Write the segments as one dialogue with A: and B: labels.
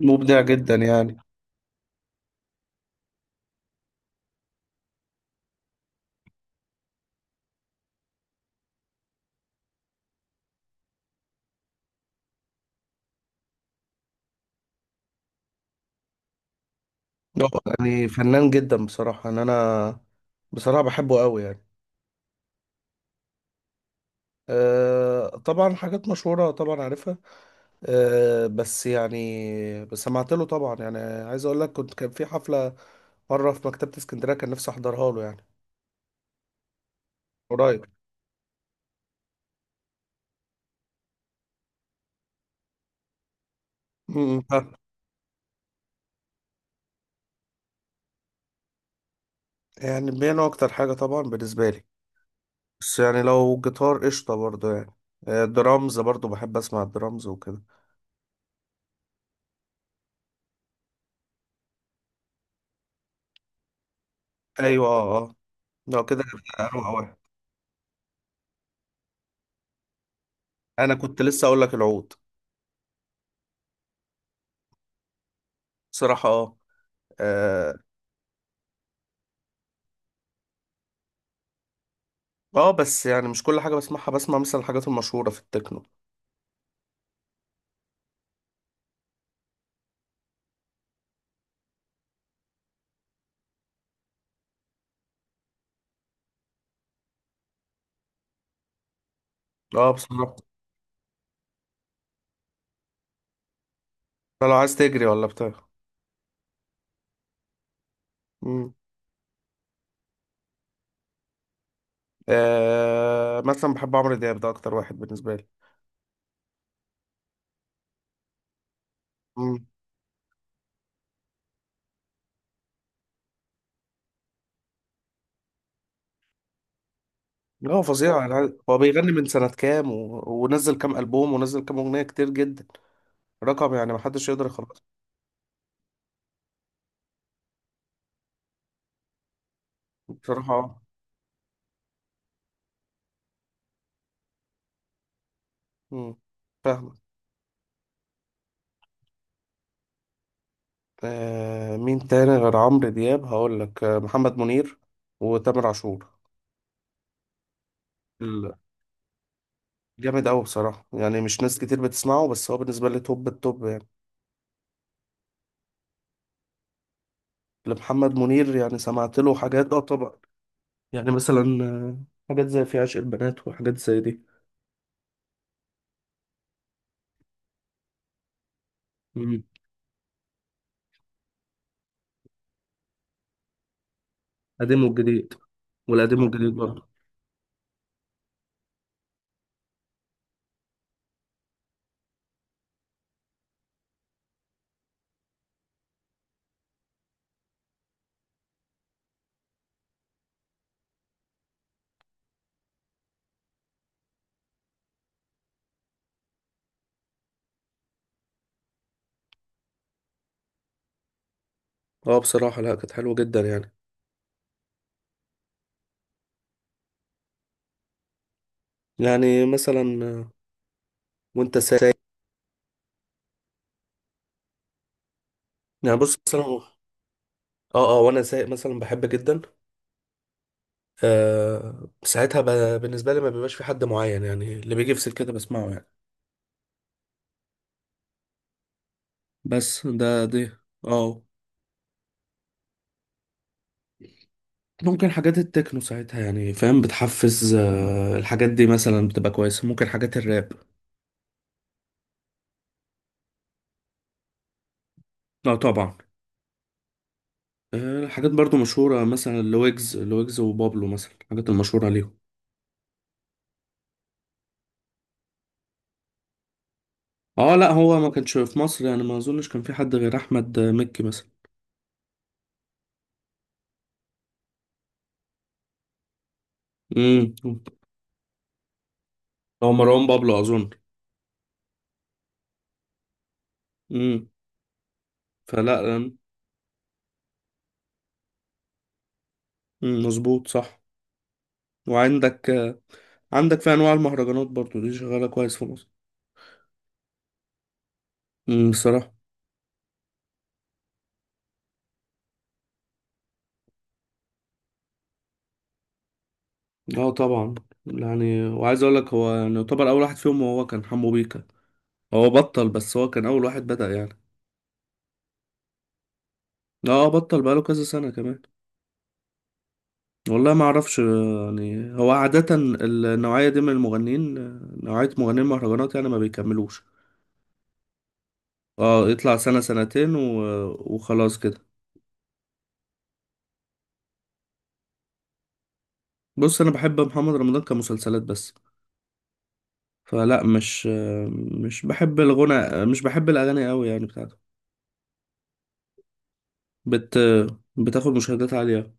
A: مبدع جدا يعني. هو يعني فنان جدا بصراحة ان انا بصراحة بحبه قوي يعني. أه طبعا حاجات مشهورة طبعا عارفها. أه بس يعني بس سمعت له طبعا يعني، عايز اقول لك كنت كان في حفلة مرة في مكتبة اسكندرية كان نفسي احضرها له يعني. قريب. م- م. ف- يعني بيانو اكتر حاجة طبعا بالنسبة لي. بس يعني لو جيتار قشطة برضه يعني، درامز برضه بحب اسمع الدرامز وكده. ايوه اه اه. لو كده هبقى أروق أوي. انا كنت لسه اقول لك العود، بصراحة اه اه. بس يعني مش كل حاجة بسمعها، بسمع مثلا الحاجات المشهورة في التكنو. اه بصراحة. ده لو عايز تجري ولا بتاع. مم. آه، مثلا بحب عمرو دياب، ده أكتر واحد بالنسبة لي. مم. لا هو فظيع يعني، هو بيغني من سنة كام ونزل كام ألبوم ونزل كام أغنية كتير جدا. رقم يعني محدش يقدر يخلصه. بصراحة اه. مم. فاهمك. آه، مين تاني غير عمرو دياب؟ هقول لك آه، محمد منير وتامر عاشور. جامد قوي بصراحة يعني، مش ناس كتير بتسمعه بس هو بالنسبة لي توب التوب يعني. لمحمد منير يعني سمعت له حاجات اه طبعا. يعني مثلا آه، حاجات زي في عشق البنات وحاجات زي دي. مم. قديم والجديد، والقديم والجديد برضه. اه بصراحة، لا كانت حلوة جدا يعني. يعني مثلا آه، وانت سايق. يعني بص مثلا اه. اه وانا سايق مثلا بحب جدا. آه ساعتها بالنسبة لي ما بيبقاش في حد معين يعني، اللي بيجي في سكتي بسمعه يعني. بس ده دي. اه ممكن حاجات التكنو ساعتها يعني فاهم، بتحفز. الحاجات دي مثلا بتبقى كويسة، ممكن حاجات الراب. اه طبعا. آه، حاجات برضو مشهورة مثلا لويجز لويجز وبابلو، مثلا الحاجات المشهورة ليهم. اه لا، هو ما كانش في مصر يعني، ما اظنش كان في حد غير احمد آه، مكي مثلا. امم. هو مروان بابلو اظن. امم فلا مم، مظبوط صح. وعندك آه، عندك في انواع المهرجانات برضو دي شغالة كويس في مصر. بصراحة. اه طبعا. يعني وعايز اقول لك، هو يعني يعتبر اول واحد فيهم هو كان حمو بيكا. هو بطل، بس هو كان اول واحد بدأ يعني. اه بطل بقاله كذا سنة كمان. والله ما اعرفش يعني، هو عادة النوعية دي من المغنيين، نوعية مغنيين المهرجانات يعني ما بيكملوش. اه يطلع سنة سنتين وخلاص كده. بص انا بحب محمد رمضان كمسلسلات بس. فلا مش بحب الغنى، مش بحب الاغاني قوي يعني بتاعته. بت... بتاخد مشاهدات عالية.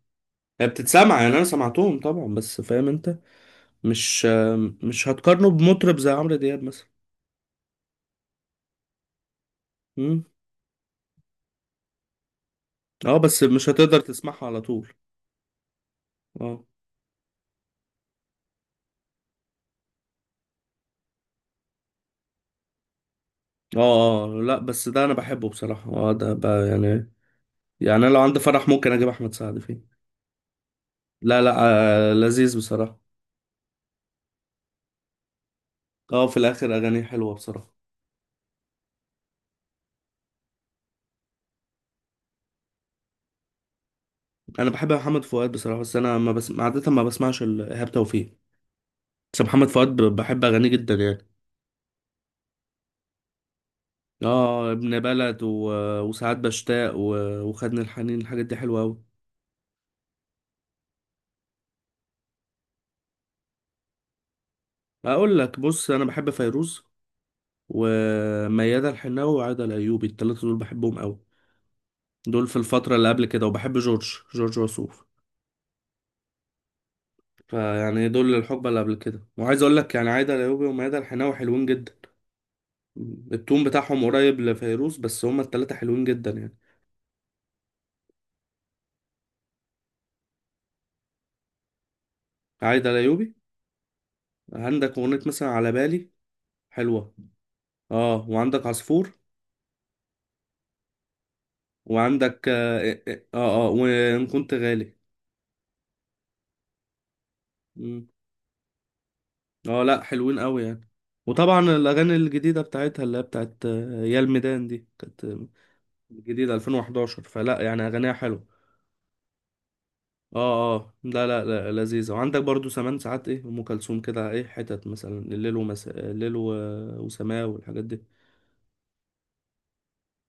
A: هي بتتسمع يعني، انا سمعتهم طبعا بس فاهم انت. مش مش هتقارنه بمطرب زي عمرو دياب مثلا. امم. اه بس مش هتقدر تسمعها على طول. اه اه اه آه. لا بس ده انا بحبه بصراحة، اه ده بقى يعني. يعني انا لو عندي فرح ممكن اجيب احمد سعد فيه. لا لا، آه لذيذ بصراحة. اه في الاخر اغانيه حلوة بصراحة. انا بحب محمد فؤاد بصراحة، بس انا ما بس عادة ما بسمعش ايهاب توفيق. بس محمد فؤاد بحب اغانيه جدا يعني. اه ابن بلد وساعات بشتاق وخدني الحنين، الحاجات دي حلوة أوي. أقول لك بص، أنا بحب فيروز وميادة الحناوي وعادة الأيوبي، التلاتة دول بحبهم أوي. دول في الفترة اللي قبل كده، وبحب جورج وسوف. فيعني دول الحقبة اللي قبل كده، وعايز أقول لك يعني عادة الأيوبي وميادة الحناوي حلوين جدا. التون بتاعهم قريب لفيروز، بس هما التلاتة حلوين جدا يعني. عادة الأيوبي، عندك أغنية مثلا على بالي، حلوة. اه وعندك عصفور. وعندك اه اه آه، آه، آه، وان كنت غالي. مم. اه لا، حلوين قوي يعني. وطبعا الاغاني الجديده بتاعتها اللي هي بتاعت آه، يا الميدان دي كانت آه، جديده 2011، فلا يعني اغانيها حلوه. اه اه لا لا لا، لذيذه. وعندك برضو زمان ساعات ايه ام كلثوم كده، ايه حتت مثلا الليل ومساء الليل وسماء والحاجات دي.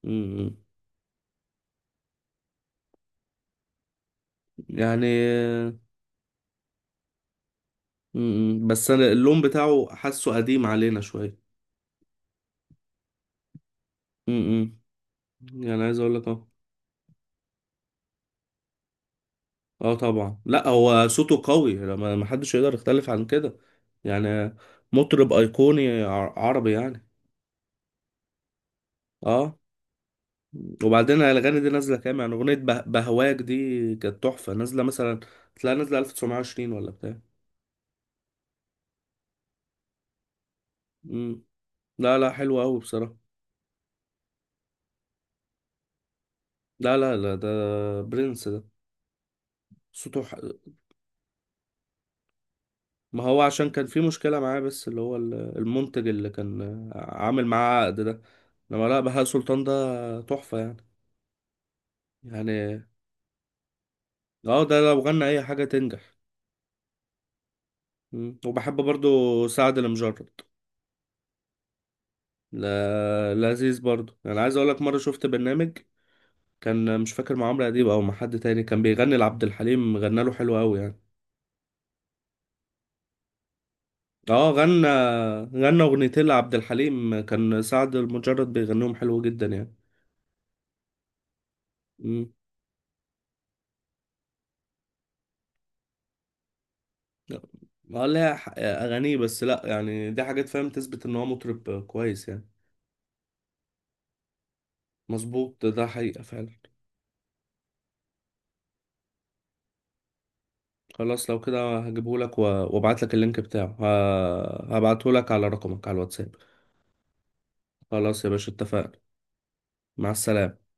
A: مم. يعني آه، مم. بس انا اللون بتاعه حاسه قديم علينا شويه. مم. يعني عايز اقول لك. اه طبعا، لا هو صوته قوي، لما ما حدش يقدر يختلف عن كده. يعني مطرب ايقوني عربي يعني. اه وبعدين الاغاني دي نازله كام، يعني اغنيه بهواك دي كانت تحفه نازله مثلا. تلاقي نازله 1920 ولا بتاع. مم. لا لا حلو قوي بصراحه. لا لا لا ده، برنس ده. صوته ما هو عشان كان في مشكله معاه، بس اللي هو المنتج اللي كان عامل معاه عقد ده. لما لا، بهاء سلطان ده تحفه يعني. يعني اه ده لو غنى اي حاجة تنجح. مم. وبحب برضو سعد المجرد. لا لذيذ برضو، انا عايز اقولك مرة شفت برنامج كان مش فاكر مع عمرو اديب او مع حد تاني، كان بيغني لعبد الحليم، غنى له حلو قوي يعني. اه غنى، غنى اغنيتين لعبد الحليم كان سعد المجرد بيغنيهم حلو جدا يعني. مم. اه لا، اغانيه بس، لا يعني دي حاجات فاهم تثبت ان هو مطرب كويس يعني. مظبوط، ده حقيقة فعلا. خلاص لو كده هجيبهولك وابعتلك اللينك بتاعه، هبعتهولك على رقمك على الواتساب. خلاص يا باشا، اتفقنا. مع السلامة.